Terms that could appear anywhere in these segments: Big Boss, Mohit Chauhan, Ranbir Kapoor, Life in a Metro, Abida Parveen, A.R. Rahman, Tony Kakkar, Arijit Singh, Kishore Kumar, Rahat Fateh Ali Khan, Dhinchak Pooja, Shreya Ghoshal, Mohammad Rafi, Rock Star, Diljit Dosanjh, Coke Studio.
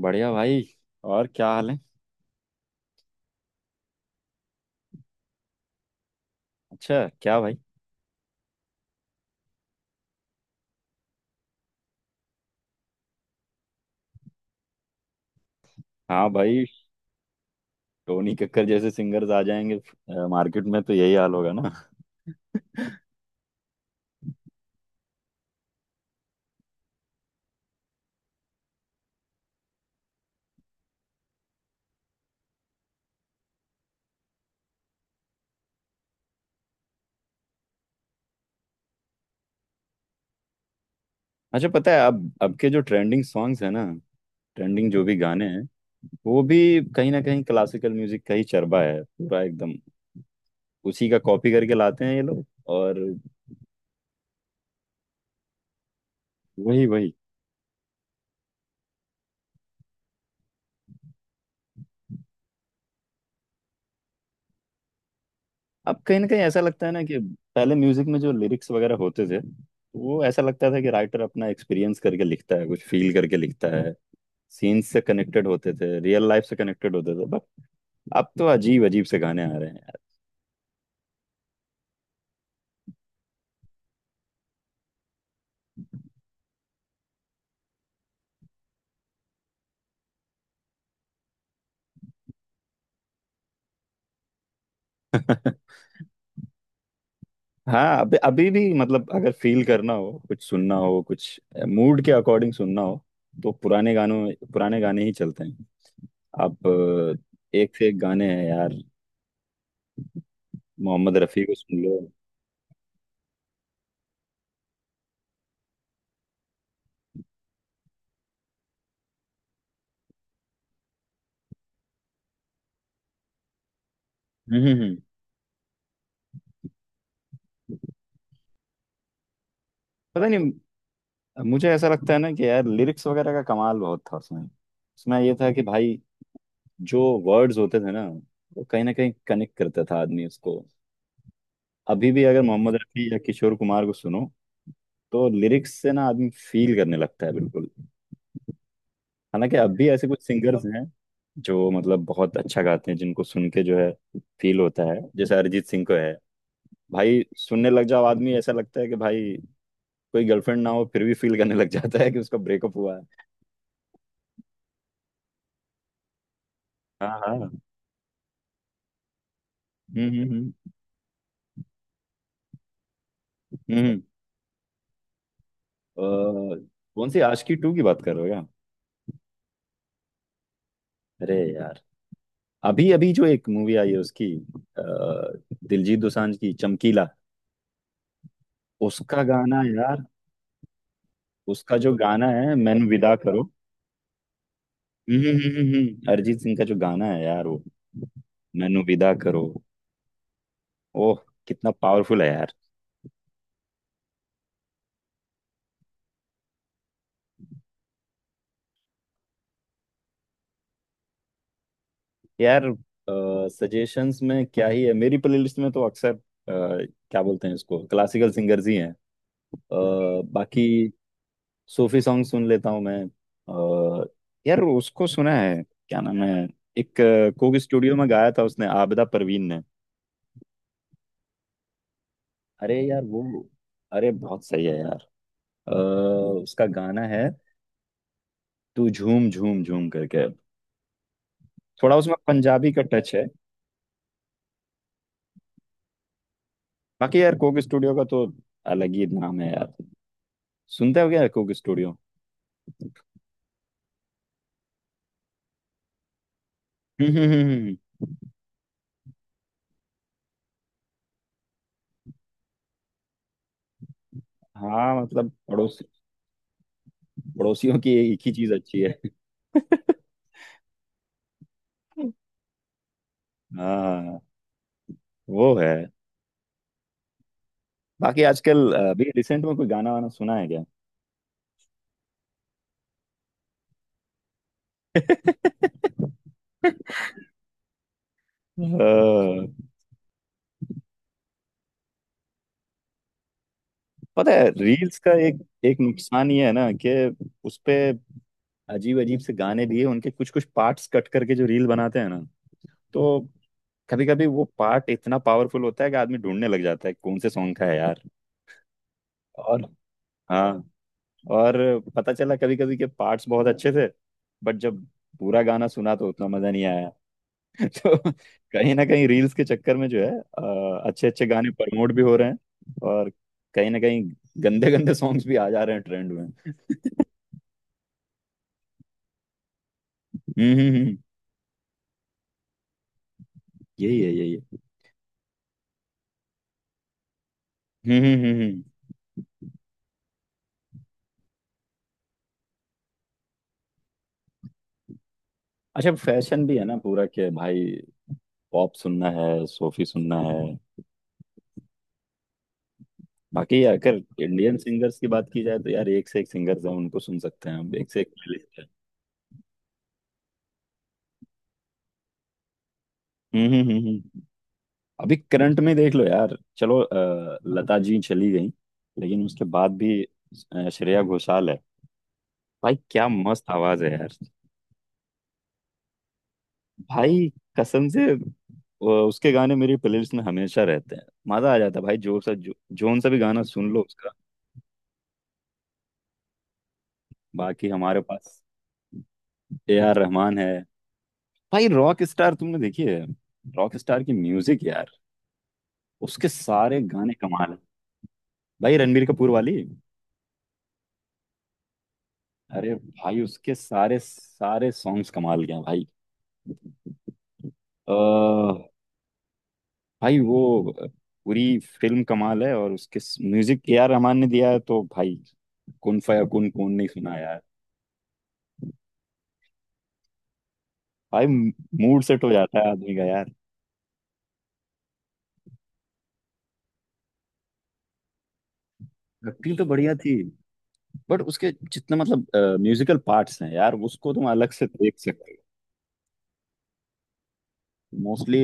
बढ़िया भाई। और क्या हाल है। अच्छा। क्या भाई। हाँ भाई। टोनी कक्कर जैसे सिंगर्स आ जाएंगे मार्केट में तो यही हाल होगा ना। अच्छा पता है अब के जो ट्रेंडिंग सॉन्ग्स है ना। ट्रेंडिंग जो भी गाने हैं वो भी कहीं ना कहीं क्लासिकल म्यूजिक का ही चरबा है पूरा एकदम। उसी का कॉपी करके लाते हैं ये लोग। और वही वही। अब कहीं ना कहीं ऐसा लगता है ना कि पहले म्यूजिक में जो लिरिक्स वगैरह होते थे वो ऐसा लगता था कि राइटर अपना एक्सपीरियंस करके लिखता है कुछ फील करके लिखता है। सीन से कनेक्टेड होते थे रियल लाइफ से कनेक्टेड होते थे बट अब तो अजीब अजीब से गाने आ रहे हैं यार। हाँ अभी अभी भी मतलब अगर फील करना हो कुछ सुनना हो कुछ मूड के अकॉर्डिंग सुनना हो तो पुराने गानों पुराने गाने ही चलते हैं। आप एक से एक गाने हैं यार। मोहम्मद रफ़ी को सुन लो। हम्म हम्म, हम्म। पता नहीं मुझे ऐसा लगता है ना कि यार लिरिक्स वगैरह का कमाल बहुत था उसमें उसमें ये था कि भाई जो वर्ड्स होते थे ना वो कहीं ना कहीं कनेक्ट करता था आदमी उसको। अभी भी अगर मोहम्मद रफी या किशोर कुमार को सुनो तो लिरिक्स से ना आदमी फील करने लगता है बिल्कुल। हालांकि अब भी ऐसे कुछ सिंगर्स हैं जो मतलब बहुत अच्छा गाते हैं जिनको सुन के जो है फील होता है जैसे अरिजीत सिंह को है। भाई सुनने लग जाओ आदमी ऐसा लगता है कि भाई कोई गर्लफ्रेंड ना हो फिर भी फील करने लग जाता है कि उसका ब्रेकअप हुआ है। हाँ हाँ हम्म हम्म हम्म। अ, कौन सी आशिकी टू की बात कर रहे हो क्या। अरे यार अभी अभी जो एक मूवी आई है उसकी अ, दिलजीत दोसांझ की चमकीला उसका गाना यार। उसका जो गाना है मैनू विदा करो। अरिजीत सिंह का जो गाना है यार वो मैनू विदा करो। ओह। कितना पावरफुल है यार। यार सजेशंस में क्या ही है मेरी प्लेलिस्ट में तो अक्सर क्या बोलते हैं इसको क्लासिकल सिंगर्स ही हैं। बाकी सूफी सॉन्ग सुन लेता हूँ मैं। अ, यार उसको सुना है। क्या नाम है। एक कोक स्टूडियो में गाया था उसने आबिदा परवीन ने। अरे यार वो अरे बहुत सही है यार। अ, उसका गाना है तू झूम झूम झूम करके। थोड़ा उसमें पंजाबी का टच है। बाकी यार कोक स्टूडियो का तो अलग ही नाम है यार। सुनते हो क्या कोक स्टूडियो। हम्म हम्म, हम्म, हम्म। हाँ मतलब पड़ोसियों की एक ही चीज अच्छी है। हाँ वो है। बाकी आजकल अभी रिसेंट में कोई गाना वाना सुना है क्या। अ, पता है रील्स का एक एक नुकसान ये है ना कि उसपे अजीब अजीब से गाने दिए उनके कुछ कुछ पार्ट्स कट करके जो रील बनाते हैं ना तो कभी कभी वो पार्ट इतना पावरफुल होता है कि आदमी ढूंढने लग जाता है कौन से सॉन्ग का है यार। और हाँ और पता चला कभी कभी के पार्ट्स बहुत अच्छे थे बट जब पूरा गाना सुना तो उतना मजा नहीं आया। तो कहीं ना कहीं रील्स के चक्कर में जो है अच्छे अच्छे गाने प्रमोट भी हो रहे हैं और कहीं ना कहीं गंदे गंदे सॉन्ग्स भी आ जा रहे हैं ट्रेंड में। हम्म हम्म हम्म, यही है यही है। हम्म हम्म हम्म हम्म। अच्छा फैशन भी है ना पूरा के भाई। पॉप सुनना है सूफी सुनना है। बाकी अगर इंडियन सिंगर्स की बात की जाए तो यार एक से एक सिंगर्स हैं उनको सुन सकते हैं हम एक से एक प्लेलिस्ट है। हम्म हम्म हम्म हम्म। अभी करंट में देख लो यार चलो लता जी चली गई लेकिन उसके बाद भी श्रेया घोषाल है। भाई क्या मस्त आवाज है यार। भाई कसम से उसके गाने मेरी प्लेलिस्ट में हमेशा रहते हैं मजा आ जाता है भाई जोन सा भी गाना सुन लो उसका। बाकी हमारे पास ए आर रहमान है। भाई रॉक स्टार तुमने देखी है। रॉक स्टार की म्यूजिक यार उसके सारे गाने कमाल है। भाई रणबीर कपूर वाली। अरे भाई उसके सारे सारे सॉन्ग्स कमाल के हैं भाई। अ, भाई वो पूरी फिल्म कमाल है और उसके म्यूजिक ए आर रहमान ने दिया है तो भाई कौन कौन नहीं सुना यार। भाई मूड सेट हो जाता है आदमी का यार। एक्टिंग तो बढ़िया थी बट उसके जितने मतलब म्यूजिकल पार्ट्स हैं यार उसको तुम अलग से देख सकते हो। मोस्टली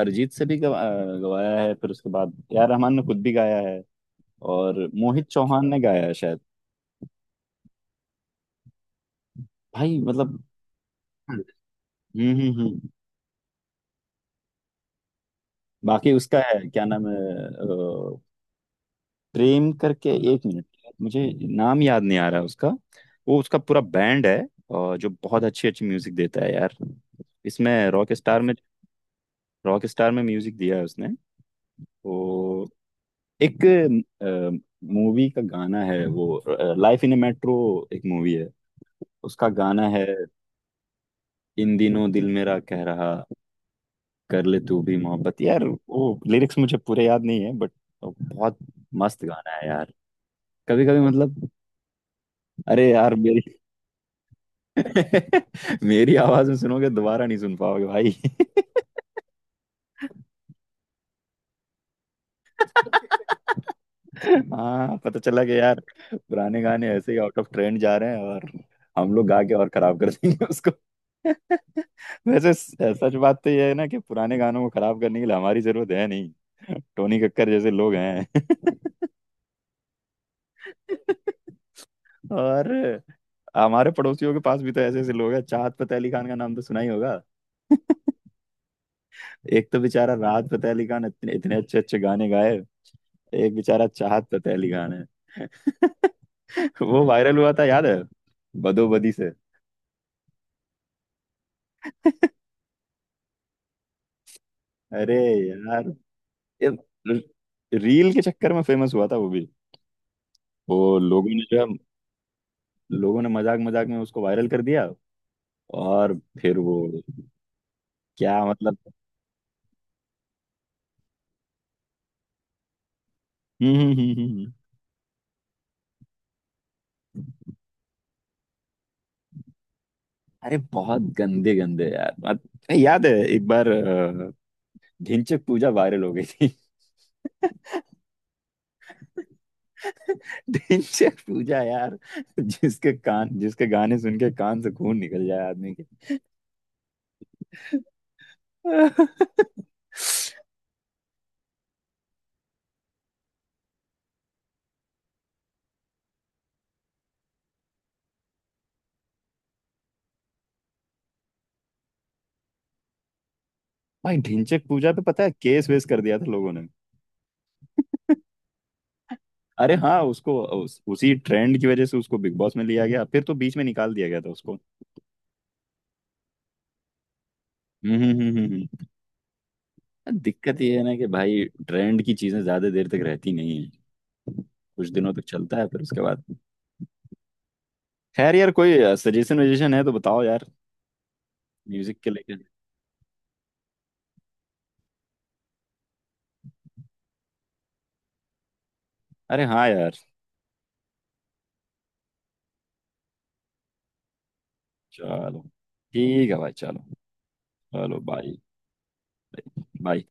अरिजीत से भी गवाया है फिर उसके बाद ए आर रहमान ने खुद भी गाया है और मोहित चौहान ने गाया है शायद। भाई मतलब। हम्म, हम्म। बाकी उसका है क्या नाम है। अ, प्रेम करके एक मिनट मुझे नाम याद नहीं आ रहा उसका। वो उसका पूरा बैंड है और जो बहुत अच्छी अच्छी म्यूजिक देता है यार इसमें रॉक स्टार में म्यूजिक दिया है उसने। तो एक मूवी का गाना है वो लाइफ इन ए मेट्रो एक मूवी है उसका गाना है। इन दिनों दिल मेरा कह रहा कर ले तू भी मोहब्बत यार वो लिरिक्स मुझे पूरे याद नहीं है बट बहुत मस्त गाना है यार। कभी कभी मतलब। अरे यार मेरी मेरी आवाज में सुनोगे दोबारा नहीं सुन पाओगे भाई। हाँ पता चला कि यार पुराने गाने ऐसे ही आउट ऑफ ट्रेंड जा रहे हैं और हम लोग गा के और खराब कर देंगे उसको। वैसे सच बात तो यह है ना कि पुराने गानों को खराब करने के लिए हमारी जरूरत है नहीं। टोनी कक्कर जैसे लोग हैं। और हमारे पड़ोसियों के पास भी तो ऐसे ऐसे लोग हैं चाहत फतेह अली खान का नाम तो सुना ही होगा। एक तो बेचारा राहत फतेह अली खान इतने इतने अच्छे अच्छे गाने गाए एक बेचारा चाहत फतेह अली खान है। वो वायरल हुआ था याद है बदोबदी से। अरे यार ये रील के चक्कर में फेमस हुआ था वो भी वो लोगों ने जो है लोगों ने मजाक मजाक में उसको वायरल कर दिया और फिर वो क्या मतलब। हम्म हम्म हम्म हम्म, हम्म। अरे बहुत गंदे गंदे यार मत नहीं, याद है एक बार ढिंचैक पूजा वायरल हो गई थी। ढिंचैक पूजा यार जिसके गाने सुन के कान से खून निकल जाए आदमी के। भाई ढिंचैक पूजा पे पता है केस वेस कर दिया था लोगों ने। अरे हाँ उसको उसी ट्रेंड की वजह से उसको बिग बॉस में लिया गया फिर तो बीच में निकाल दिया गया था उसको। हम्म। दिक्कत ये है ना कि भाई ट्रेंड की चीजें ज्यादा देर तक रहती नहीं है कुछ दिनों तक चलता है फिर उसके बाद। खैर यार कोई सजेशन वजेशन है तो बताओ यार म्यूजिक के लेके। अरे हाँ यार चलो ठीक है भाई चलो। चलो बाय। बाय।